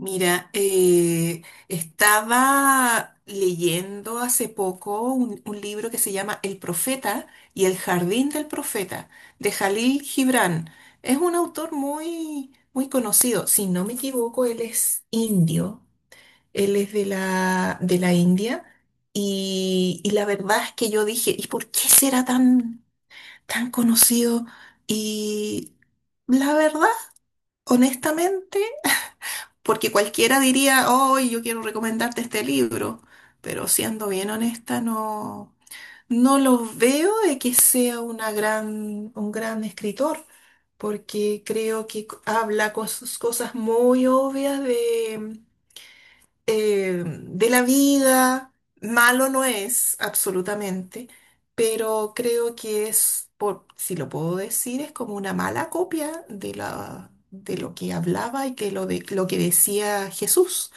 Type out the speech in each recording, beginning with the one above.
Mira, estaba leyendo hace poco un libro que se llama El Profeta y el Jardín del Profeta, de Jalil Gibran. Es un autor muy, muy conocido. Si no me equivoco, él es indio. Él es de de la India. Y la verdad es que yo dije, ¿y por qué será tan, tan conocido? Y la verdad, honestamente. Porque cualquiera diría, oh, yo quiero recomendarte este libro, pero siendo bien honesta, no, no lo veo de que sea una un gran escritor, porque creo que habla cosas muy obvias de la vida. Malo no es, absolutamente, pero creo que es, por, si lo puedo decir, es como una mala copia de de lo que hablaba y que lo que decía Jesús.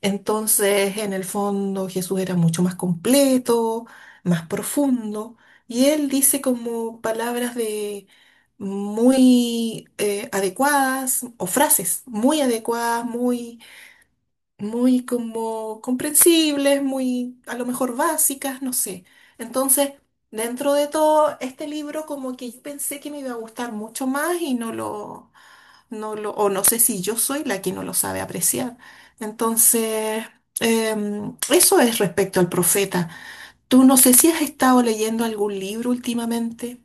Entonces, en el fondo, Jesús era mucho más completo, más profundo, y él dice como palabras de muy adecuadas o frases muy adecuadas, muy muy como comprensibles, muy a lo mejor básicas, no sé. Entonces, dentro de todo, este libro como que yo pensé que me iba a gustar mucho más y no lo, o no sé si yo soy la que no lo sabe apreciar. Entonces, eso es respecto al profeta. Tú no sé si has estado leyendo algún libro últimamente.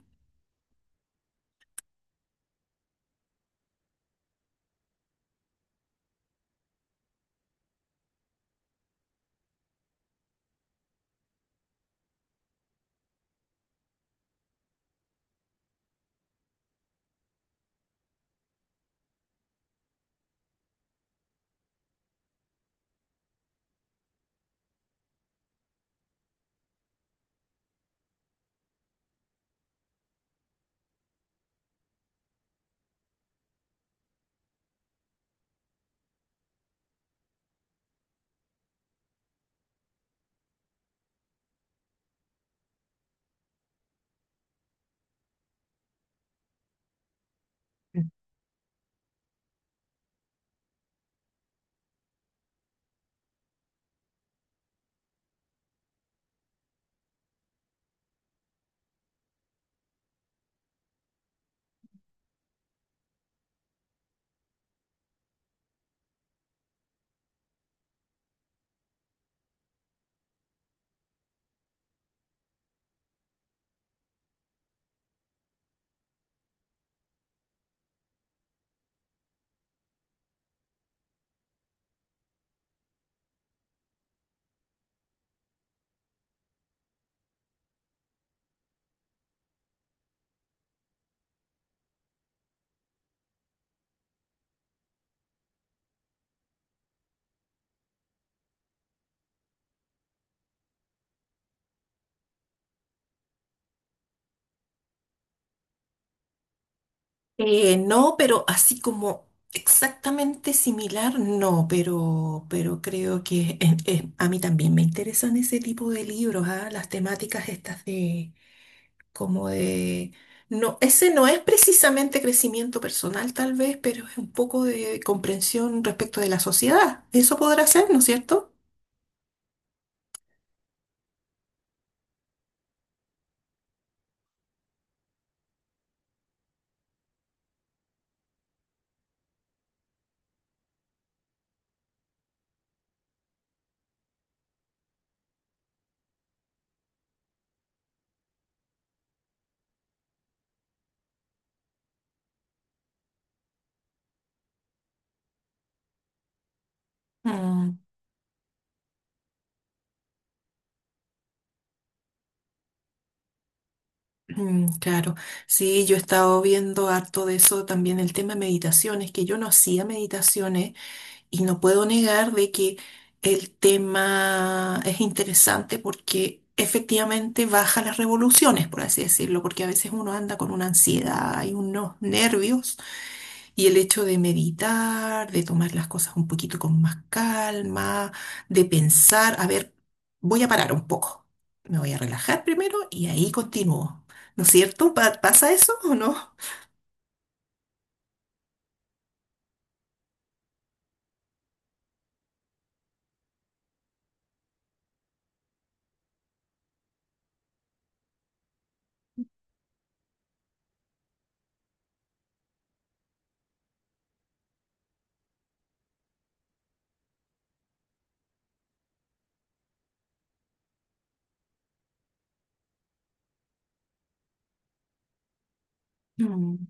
No, pero así como exactamente similar, no, pero creo que a mí también me interesan ese tipo de libros, ah. Las temáticas estas de como de... No, ese no es precisamente crecimiento personal tal vez, pero es un poco de comprensión respecto de la sociedad. Eso podrá ser, ¿no es cierto? Mm. Mm, claro, sí, yo he estado viendo harto de eso también, el tema de meditaciones, que yo no hacía meditaciones y no puedo negar de que el tema es interesante porque efectivamente baja las revoluciones, por así decirlo, porque a veces uno anda con una ansiedad y unos nervios y el hecho de meditar, de tomar las cosas un poquito con más calma, de pensar, a ver, voy a parar un poco, me voy a relajar primero y ahí continúo. ¿No es cierto? ¿Pasa eso o no? Mm,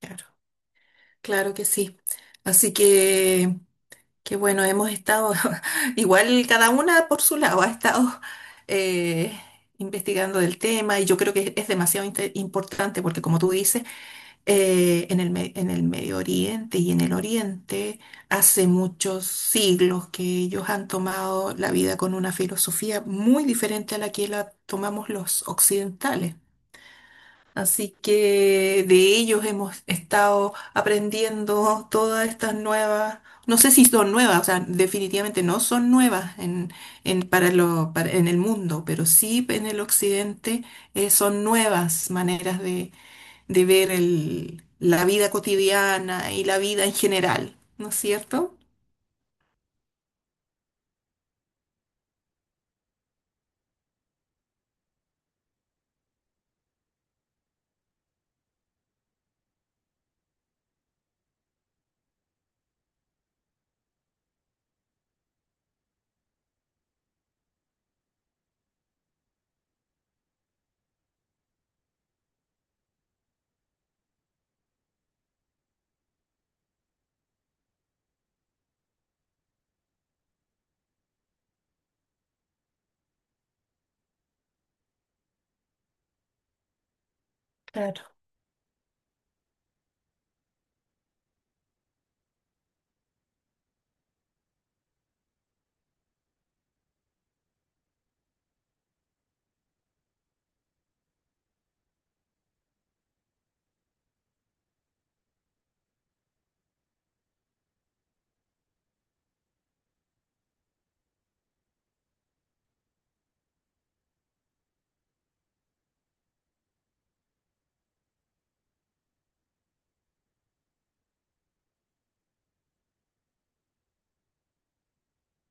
claro, claro que sí. Así que bueno, hemos estado, igual cada una por su lado, ha estado eh, investigando del tema y yo creo que es demasiado importante porque como tú dices, en en el Medio Oriente y en el Oriente, hace muchos siglos que ellos han tomado la vida con una filosofía muy diferente a la que la tomamos los occidentales. Así que de ellos hemos estado aprendiendo todas estas nuevas, no sé si son nuevas, o sea, definitivamente no son nuevas en, para lo, para- en el mundo, pero sí en el occidente son nuevas maneras de ver la vida cotidiana y la vida en general, ¿no es cierto? Claro.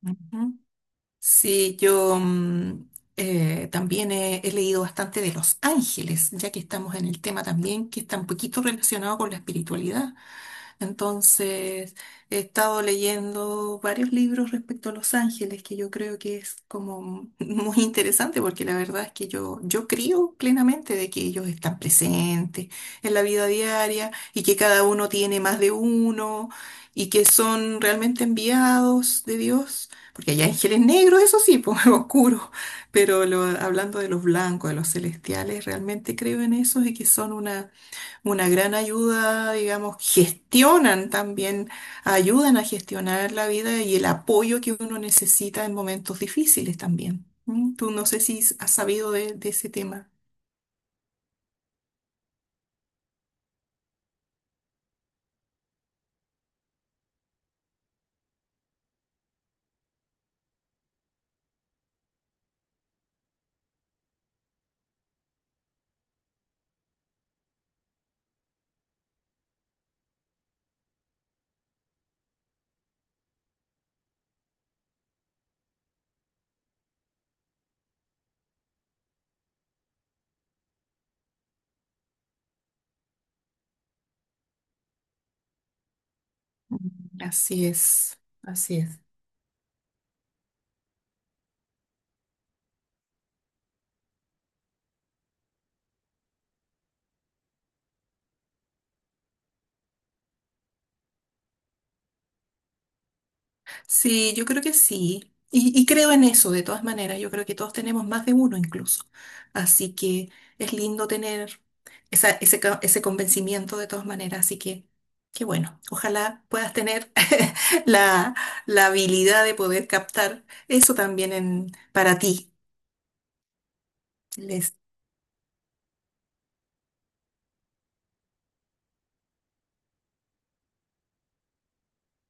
Ujú. Sí, yo también he leído bastante de los ángeles, ya que estamos en el tema también que está un poquito relacionado con la espiritualidad. Entonces, he estado leyendo varios libros respecto a Los Ángeles, que yo creo que es como muy interesante, porque la verdad es que yo creo plenamente de que ellos están presentes en la vida diaria y que cada uno tiene más de uno y que son realmente enviados de Dios. Porque hay ángeles negros, eso sí, pues oscuros, pero hablando de los blancos, de los celestiales, realmente creo en eso y que son una gran ayuda, digamos, gestionan también, ayudan a gestionar la vida y el apoyo que uno necesita en momentos difíciles también. ¿Mm? Tú no sé si has sabido de ese tema. Mm, así es, así es. Sí, yo creo que sí. Y creo en eso, de todas maneras. Yo creo que todos tenemos más de uno incluso. Así que es lindo tener ese convencimiento de todas maneras. Así que, qué bueno. Ojalá puedas tener la, la habilidad de poder captar eso también en, para ti. Les-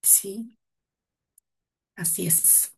sí, así es.